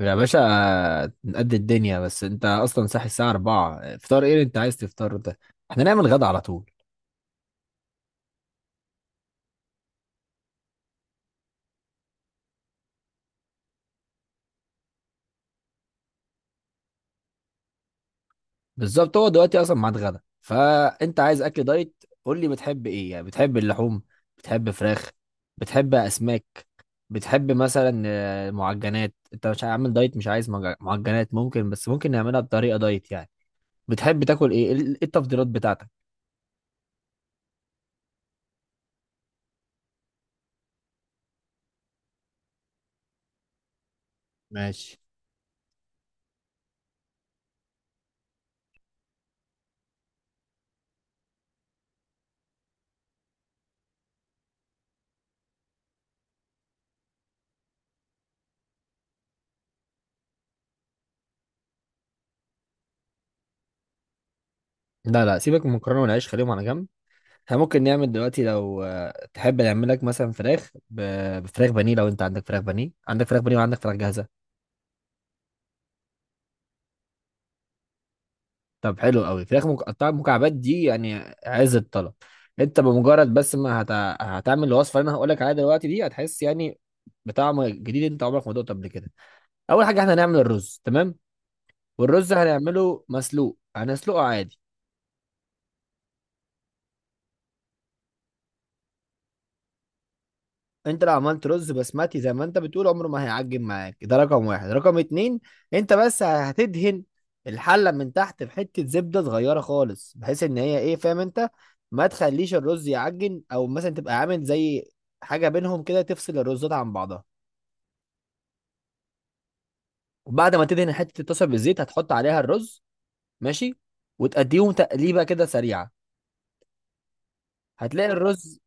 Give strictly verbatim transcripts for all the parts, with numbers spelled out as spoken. يا باشا، نقد الدنيا. بس انت اصلا صاحي الساعة أربعة، فطار ايه اللي انت عايز تفطر ده؟ احنا نعمل غدا على طول. بالظبط، هو دلوقتي اصلا ميعاد غدا. فانت عايز اكل دايت، قول لي بتحب ايه؟ يعني بتحب اللحوم، بتحب فراخ، بتحب اسماك، بتحب مثلا آه، معجنات؟ انت مش عامل دايت؟ مش عايز مج- معجنات ممكن، بس ممكن نعملها بطريقة دايت يعني. بتحب تاكل ايه؟ ايه التفضيلات بتاعتك؟ ماشي. لا لا، سيبك من المكرونة والعيش، خليهم على جنب. احنا ممكن نعمل دلوقتي لو آه، تحب نعمل لك مثلا فراخ ب- بفراخ بانيه. لو انت عندك فراخ بانيه، عندك فراخ بانيه وعندك فراخ جاهزه. طب حلو قوي، فراخ مقطعه مكعبات دي يعني عز الطلب. انت بمجرد بس ما هت... هتعمل الوصفه اللي انا هقول لك عليها دلوقتي دي، هتحس يعني بطعم جديد انت عمرك ما دقته قبل كده. اول حاجه احنا هنعمل الرز، تمام. والرز هنعمله مسلوق، هنسلقه عادي. انت لو عملت رز بسمتي زي ما انت بتقول عمره ما هيعجن معاك، ده رقم واحد. رقم اتنين، انت بس هتدهن الحلة من تحت بحتة زبدة صغيرة خالص، بحيث ان هي ايه، فاهم انت، ما تخليش الرز يعجن، او مثلا تبقى عامل زي حاجة بينهم كده تفصل الرزات عن بعضها. وبعد ما تدهن حتة الطاسة بالزيت، هتحط عليها الرز، ماشي، وتأديهم تقليبة كده سريعة. هتلاقي الرز،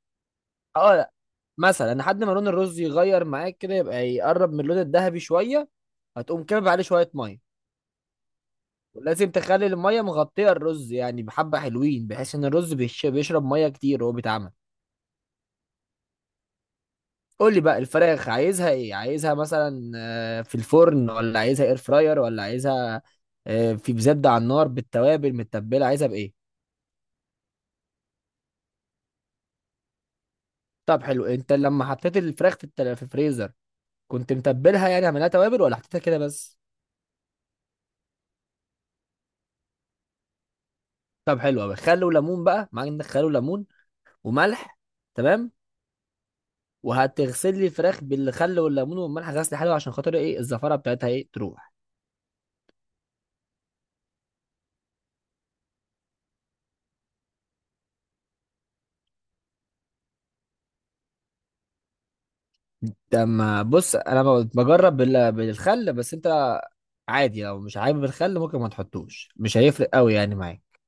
اه، لا، مثلا لحد ما لون الرز يغير معاك كده يبقى يقرب من اللون الذهبي شوية، هتقوم كابب عليه شوية مية. ولازم تخلي المية مغطية الرز يعني بحبة حلوين، بحيث ان الرز بيش- بيشرب مية كتير وهو بيتعمل. قول لي بقى الفراخ عايزها ايه؟ عايزها مثلا آه، في الفرن، ولا عايزها اير فراير، ولا عايزها آه، في بزبدة على النار بالتوابل متبلة؟ عايزها بايه؟ طب حلو. انت لما حطيت الفراخ في التل- في الفريزر كنت متبلها؟ يعني عملها توابل ولا حطيتها كده بس؟ طب حلو قوي. خل وليمون بقى معاك؟ عندك خل وليمون وملح؟ تمام. وهتغسل لي الفراخ بالخل والليمون والملح غسل حلو، عشان خاطر ايه، الزفاره بتاعتها ايه تروح. لما بص انا ب- بجرب بال- بالخل، بس انت عادي لو مش حابب الخل ممكن ما تحطوش، مش هيفرق قوي يعني معاك.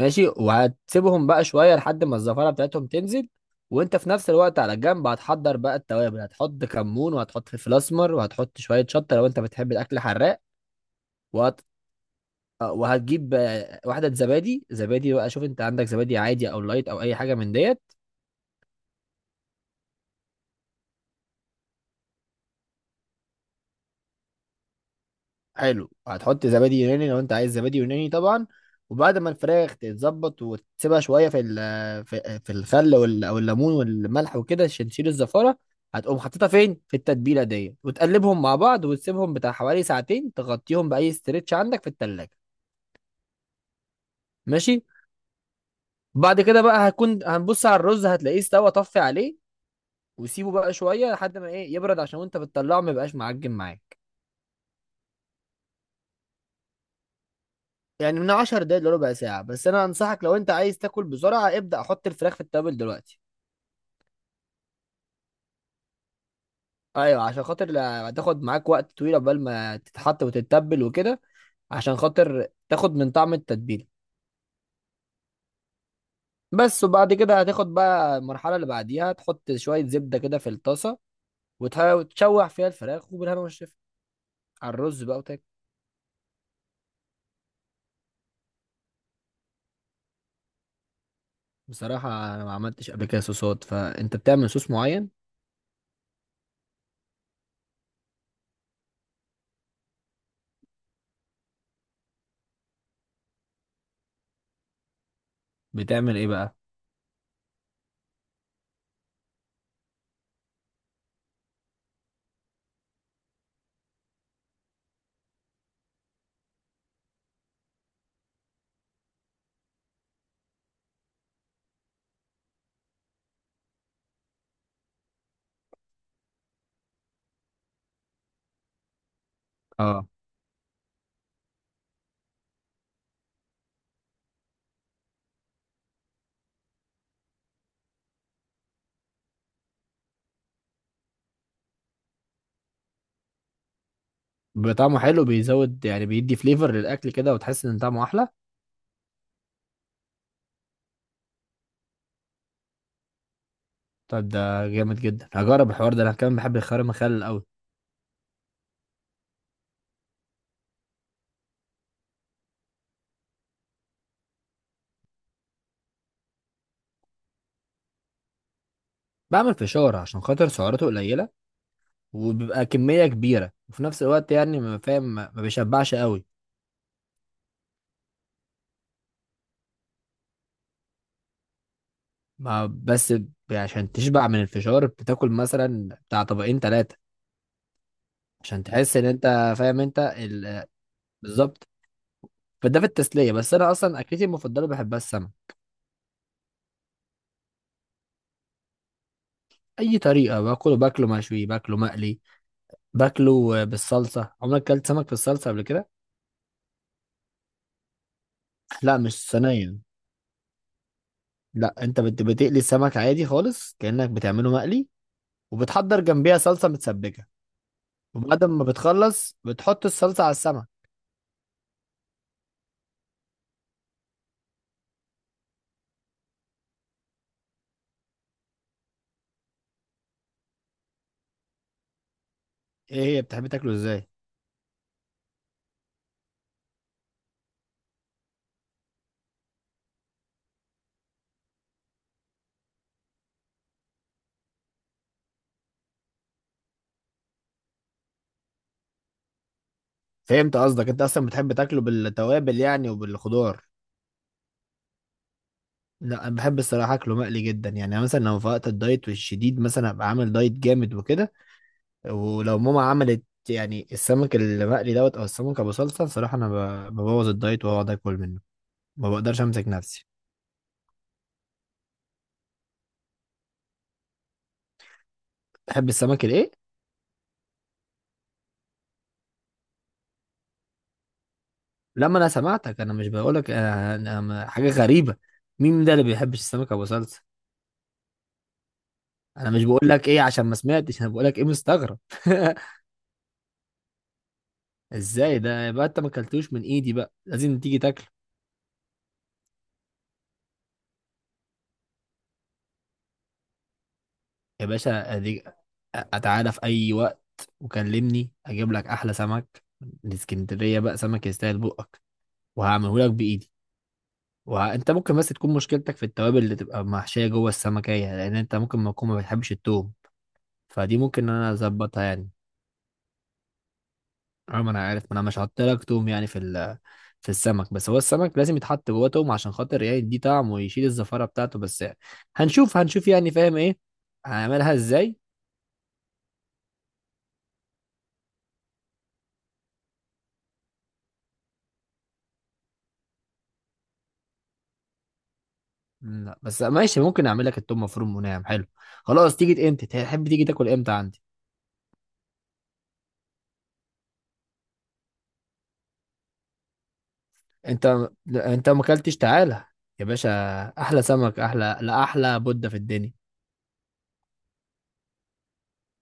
ماشي. وهتسيبهم بقى شويه لحد ما الزفاره بتاعتهم تنزل. وانت في نفس الوقت على جنب هتحضر بقى التوابل، هتحط كمون، وهتحط فلفل اسمر، وهتحط شويه شطه لو انت بتحب الاكل حراق. وهت... وهتجيب آه، واحده زبادي. زبادي بقى، شوف انت عندك زبادي عادي او لايت او اي حاجه من ديت. حلو، هتحط زبادي يوناني لو انت عايز زبادي يوناني طبعا. وبعد ما الفراخ تتظبط وتسيبها شويه في ال- في في الخل وال- او الليمون والملح وكده عشان تشيل الزفاره، هتقوم حاططها فين في التتبيله دي، وتقلبهم مع بعض، وتسيبهم بتاع حوالي ساعتين، تغطيهم باي استرتش عندك في التلاجة. ماشي. بعد كده بقى هكون هنبص على الرز، هتلاقيه استوى، طفي عليه. وسيبه بقى شويه لحد ما ايه يبرد، عشان وانت بتطلعه ما يبقاش معجن معاك. يعني من عشر دقايق لربع ساعة. بس أنا أنصحك لو أنت عايز تاكل بسرعة، ابدأ حط الفراخ في التبل دلوقتي. أيوة، عشان خاطر لا- هتاخد معاك وقت طويل عقبال ما تتحط وتتبل وكده، عشان خاطر تاخد من طعم التتبيلة. بس. وبعد كده هتاخد بقى المرحلة اللي بعديها، تحط شوية زبدة كده في الطاسة، وتح- وتشوح فيها الفراخ، وبالهنا والشفا على الرز بقى، وتاكل. بصراحة أنا ما عملتش قبل كده صوصات، فأنت بتعمل صوص معين؟ بتعمل إيه بقى؟ اه، بطعمه حلو، بيزود يعني، بيدي فليفر للأكل كده، وتحس إن طعمه أحلى. طب ده جامد جدا، هجرب الحوار ده. انا كمان بحب الخيار المخلل قوي. بعمل فشار عشان خاطر سعراته قليله، وبيبقى كميه كبيره، وفي نفس الوقت يعني، ما فاهم، ما ما بيشبعش قوي. ما بس ب- عشان تشبع من الفشار بتاكل مثلا بتاع طبقين ثلاثه، عشان تحس ان انت فاهم انت ال- بالظبط. فده في التسليه. بس انا اصلا اكلتي المفضله بحبها السمك. اي طريقه باكله، باكله مشوي، باكله مقلي، باكله بالصلصه. عمرك اكلت سمك بالصلصه قبل كده؟ لا مش صينيه. لا، انت بت... بتقلي السمك عادي خالص كأنك بتعمله مقلي، وبتحضر جنبيها صلصة متسبكة، وبعد ما بتخلص بتحط الصلصة على السمك. ايه هي، بتحب تاكله ازاي؟ فهمت قصدك، انت اصلا بتحب تاكله بالتوابل يعني وبالخضار. لا انا بحب الصراحه اكله مقلي جدا، يعني أنا مثلا لو في وقت الدايت والشديد، مثلا ابقى عامل دايت جامد وكده، ولو ماما عملت يعني السمك المقلي دوت او السمك ابو صلصه، صراحه انا ب- ببوظ الدايت واقعد اكل منه، ما بقدرش امسك نفسي. بحب السمك الايه. لما انا سمعتك، انا مش بقول لك حاجه غريبه؟ مين ده اللي بيحبش السمك ابو صلصه؟ انا مش بقول لك ايه عشان ما سمعتش، انا بقول لك ايه مستغرب. ازاي ده يبقى انت ما اكلتوش من ايدي؟ بقى لازم تيجي تاكله يا باشا. اديك، اتعالى في اي وقت وكلمني، اجيب لك احلى سمك من اسكندريه، بقى سمك يستاهل بقك، وهعمله لك بايدي. وانت ممكن بس تكون مشكلتك في التوابل اللي تبقى محشيه جوه السمكيه، لان انت ممكن ما تكون ما بتحبش التوم، فدي ممكن إن انا اظبطها يعني. اه، ما انا عارف، ما انا مش حاطط لك توم يعني في ال في السمك. بس هو السمك لازم يتحط جوه توم عشان خاطر يعني يديه طعم ويشيل الزفاره بتاعته. بس هنشوف، هنشوف يعني فاهم ايه، هنعملها ازاي. مم، لا بس ماشي، ممكن اعمل لك التوم مفروم وناعم، حلو. خلاص، تيجي امتى تحب تيجي تاكل امتى عندي؟ انت انت ما اكلتش، تعالى يا باشا، احلى سمك، احلى، لا احلى بودة في الدنيا.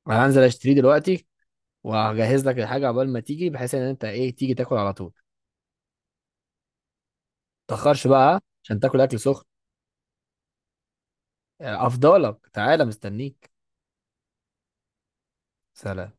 انا هنزل اشتريه دلوقتي، وهجهز لك الحاجه عقبال ما تيجي، بحيث ان انت ايه تيجي تاكل على طول. متأخرش بقى عشان تاكل اكل سخن. افضلك، تعالى، مستنيك. سلام.